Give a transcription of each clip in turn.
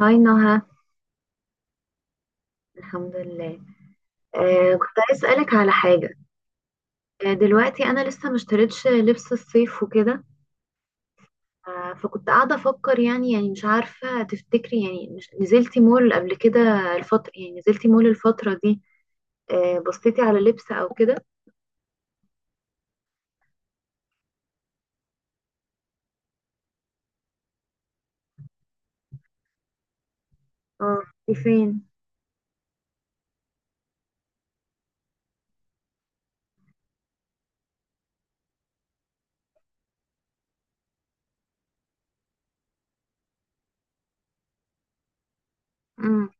هاي نهى. الحمد لله. كنت عايز اسالك على حاجه. دلوقتي انا لسه ما اشتريتش لبس الصيف وكده. فكنت قاعده افكر، يعني مش عارفه تفتكري، يعني مش نزلتي مول قبل كده الفتره، يعني نزلتي مول الفتره دي؟ بصيتي على لبس او كده؟ اه. دي فين؟ امم.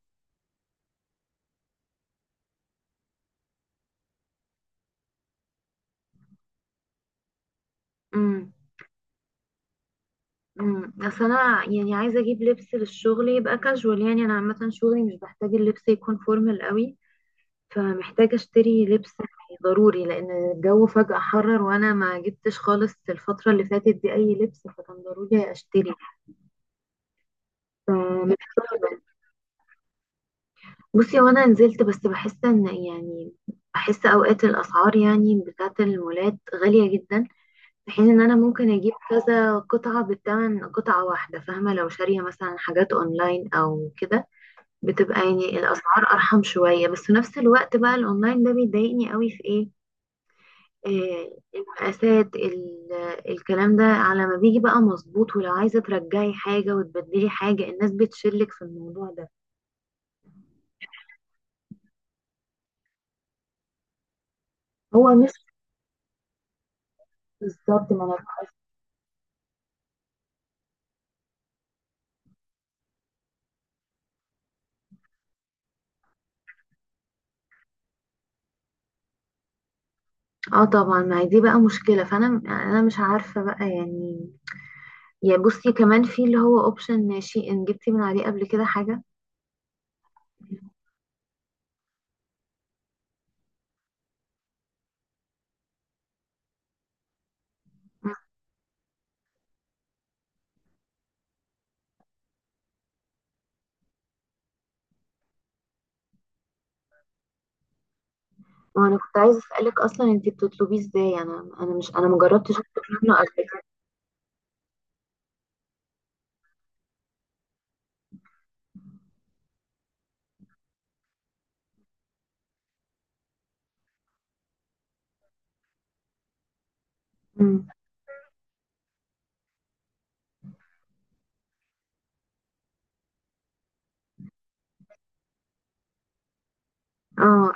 امم. امم. اصل انا يعني عايزه اجيب لبس للشغل يبقى كاجوال، يعني انا عامه شغلي مش بحتاج اللبس يكون فورمال قوي، فمحتاجة اشتري لبس ضروري، لان الجو فجأة حرر وانا ما جبتش خالص الفترة اللي فاتت دي اي لبس، فكان ضروري اشتري. فمحتاجة. بصي، وانا نزلت، بس بحس ان يعني بحس اوقات الاسعار يعني بتاعة المولات غالية جدا، في حين ان انا ممكن اجيب كذا قطعة بالثمن قطعة واحدة، فاهمة؟ لو شارية مثلا حاجات اونلاين او كده بتبقى يعني الاسعار ارحم شوية، بس في نفس الوقت بقى الاونلاين ده بيضايقني قوي في ايه، المقاسات الكلام ده على ما بيجي بقى مظبوط، ولو عايزة ترجعي حاجة وتبدلي حاجة الناس بتشلك في الموضوع ده. هو مش بالظبط، ما انا. اه طبعا، ما هي دي بقى مشكلة، فانا مش عارفة بقى يعني. يا بصي، كمان في اللي هو اوبشن شي ان. جبتي من عليه قبل كده حاجة؟ وانا كنت عايزة اسألك اصلا انتي بتطلبيه ازاي، انا انا مش انا مجربتش اطلب منه قبل كده. أمم. اه.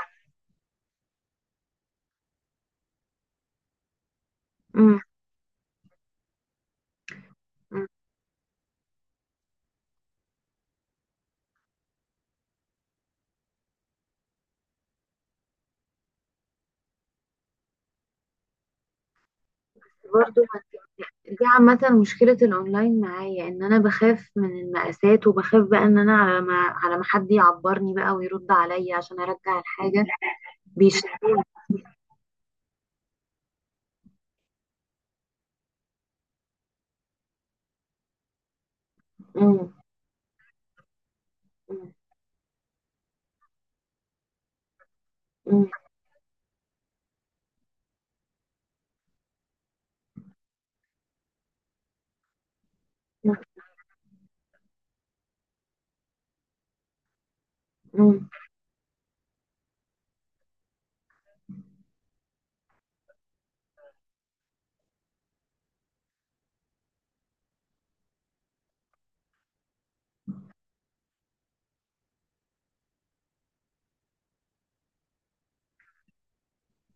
أمم. أمم. برضو دي عامة مشكلة الأونلاين معايا، إن أنا بخاف من المقاسات، وبخاف بقى إن أنا على ما حد يعبرني بقى ويرد عليا عشان أرجع الحاجة بيشتري. مم. مم. مم. مم.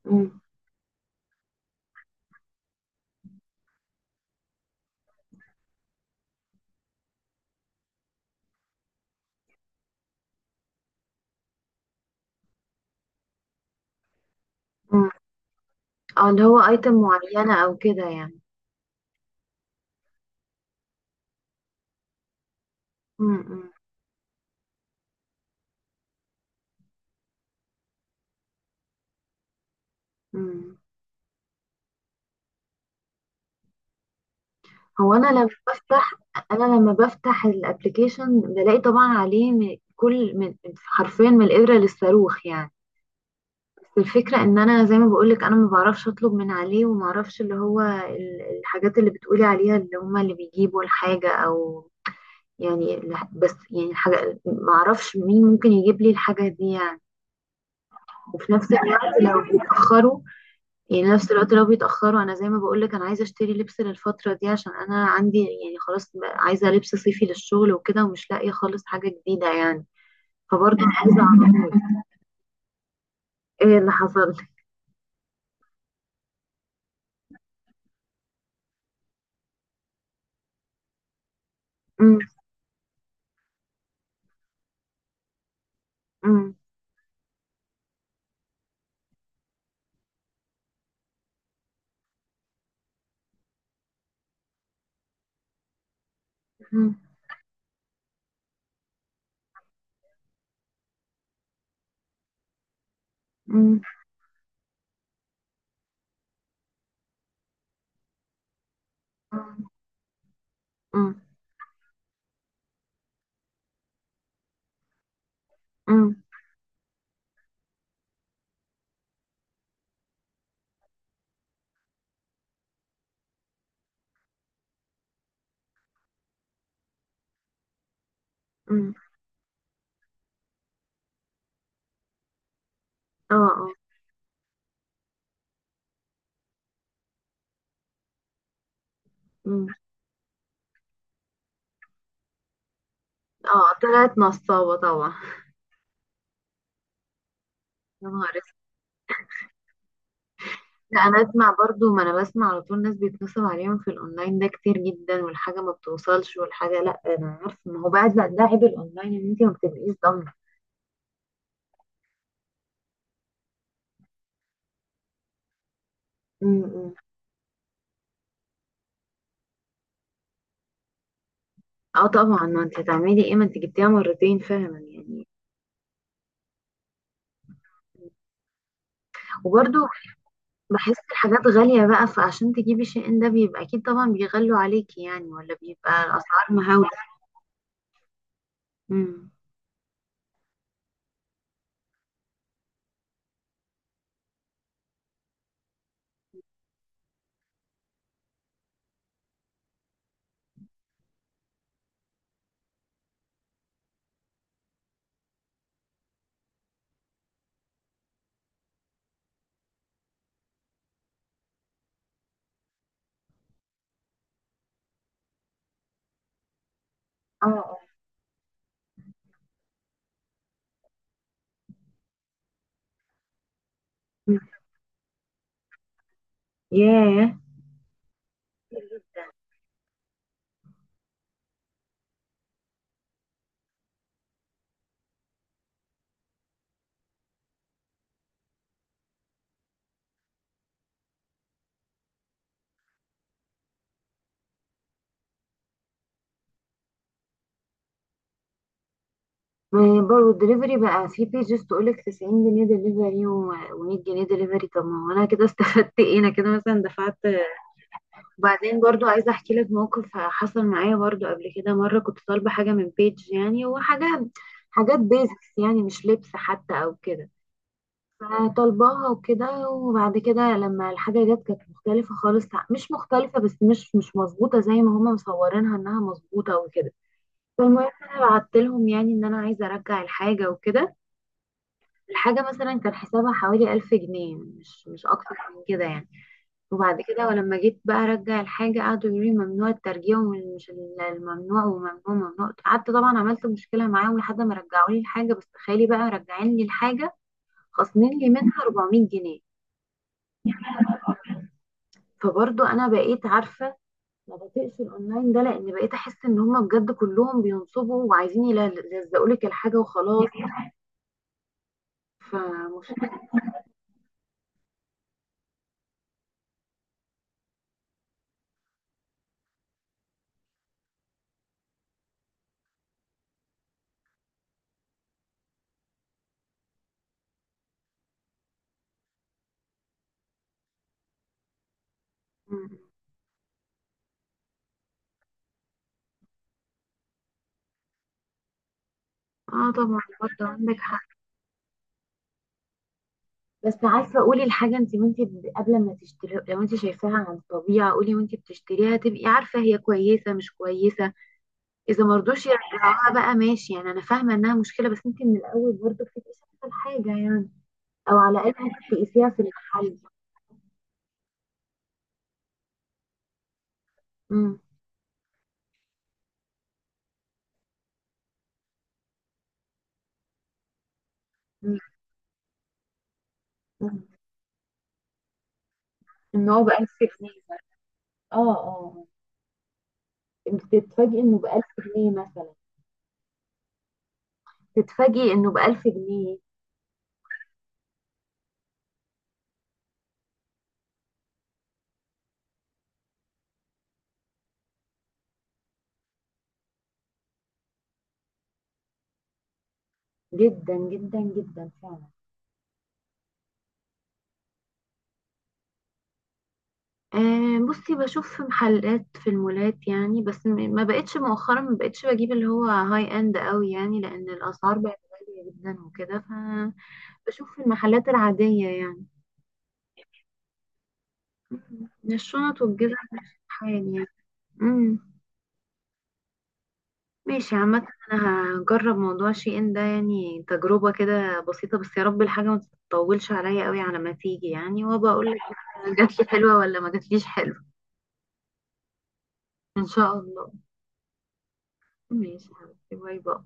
مم. مم. اه، اللي هو أيتم معينة أو كده يعني. مم. مم. مم. هو أنا لما بفتح، أنا لما بفتح الأبليكيشن بلاقي طبعا عليه من كل من، حرفيا من الإبرة للصاروخ يعني. الفكرة ان انا زي ما بقولك انا ما بعرفش اطلب من عليه، وما اعرفش اللي هو الحاجات اللي بتقولي عليها، اللي هما اللي بيجيبوا الحاجة او يعني بس يعني الحاجة ما اعرفش مين ممكن يجيب لي الحاجة دي يعني، وفي نفس الوقت لو بيتأخروا، يعني نفس الوقت لو بيتأخروا انا زي ما بقولك انا عايزة اشتري لبس للفترة دي عشان انا عندي، يعني خلاص بقى عايزة لبس صيفي للشغل وكده، ومش لاقية خالص حاجة جديدة يعني، فبرضه عايزة اعرف. ايه اللي حصل لك؟ م- م- م- م- م- امم. امم. اه. اه. امم. اه طلعت نصابة طبعا. يا نهار اسود. لا، انا اسمع، برضو ما انا بسمع على طول ناس بيتنصب عليهم في الاونلاين ده كتير جدا، والحاجة ما بتوصلش والحاجة. لا انا عارفة، ما هو بعد ده عيب الاونلاين، ان انت ما بتبقيش ضامنة. أمم. أمم. اه طبعا، ما انت هتعملي ايه ما انت جبتيها مرتين فعلا يعني. وبرضو بحس الحاجات غالية بقى، فعشان تجيبي شيء ده بيبقى اكيد طبعا بيغلوا عليكي يعني، ولا بيبقى الاسعار مهولة. امم. اه. اه. أمم. ياه. كتير جدا. برضه الدليفري بقى في بيجز تقولك 90 جنيه دليفري و100 جنيه دليفري، طب ما هو انا كده استفدت ايه، انا كده مثلا دفعت. وبعدين برضو عايزه احكي لك موقف حصل معايا برضو قبل كده. مره كنت طالبه حاجه من بيج يعني، وحاجه، حاجات بيزكس يعني، مش لبس حتى او كده، فطالباها وكده، وبعد كده لما الحاجه جت كانت مختلفه خالص، مش مختلفه بس مش مظبوطه زي ما هما مصورينها انها مظبوطه وكده. فالمهم انا بعت لهم يعني ان انا عايزه ارجع الحاجه وكده. الحاجة مثلا كان حسابها حوالي 1000 جنيه، مش أكتر من كده يعني. وبعد كده ولما جيت بقى أرجع الحاجة قعدوا يقولوا لي ممنوع الترجيع، ومش الممنوع وممنوع، ممنوع، قعدت طبعا عملت مشكلة معاهم لحد ما رجعوا لي الحاجة، بس تخيلي بقى راجعين لي الحاجة خاصمين لي منها 400 جنيه. فبرضو أنا بقيت عارفة ما بطيقش الأونلاين ده، لأن بقيت أحس إن هما بجد كلهم بينصبوا وعايزين يلزقوا لك الحاجة وخلاص. فمشكلة. اه طبعا، برضه عندك حق. بس عارفه، قولي الحاجه انت، وانت قبل ما تشتري لو انت شايفاها عن الطبيعه قولي وانت بتشتريها تبقي عارفه هي كويسه مش كويسه، اذا مرضوش يرجعوها بقى ماشي، يعني انا فاهمه انها مشكله، بس انت من الاول برضه بتبقي شايفه الحاجه يعني، او على الاقل ممكن تقيسيها في المحل. امم. أمم. أمم. ان هو ب1000 جنيه مثلاً. اه. اه. انت تتفاجئي انه ب1000 جنيه مثلا. تتفاجئي انه بألف جنيه. جدا جدا جدا فعلا. بصي، بشوف محلات في المولات يعني، بس ما بقتش مؤخرا، ما بقتش بجيب اللي هو هاي اند قوي يعني لان الاسعار بقت غالية جدا وكده، فبشوف في المحلات العادية يعني. مم. الشنط والجزم مش حال يعني. مم. ماشي عامة. انا هجرب موضوع شي ان ده، يعني تجربة كده بسيطة، بس يا رب الحاجة ما تطولش عليا قوي على ما تيجي يعني، وبقول لك جاتلي حلوة ولا ما جاتليش حلوة. ان شاء الله. ماشي يا حبيبتي، باي باي.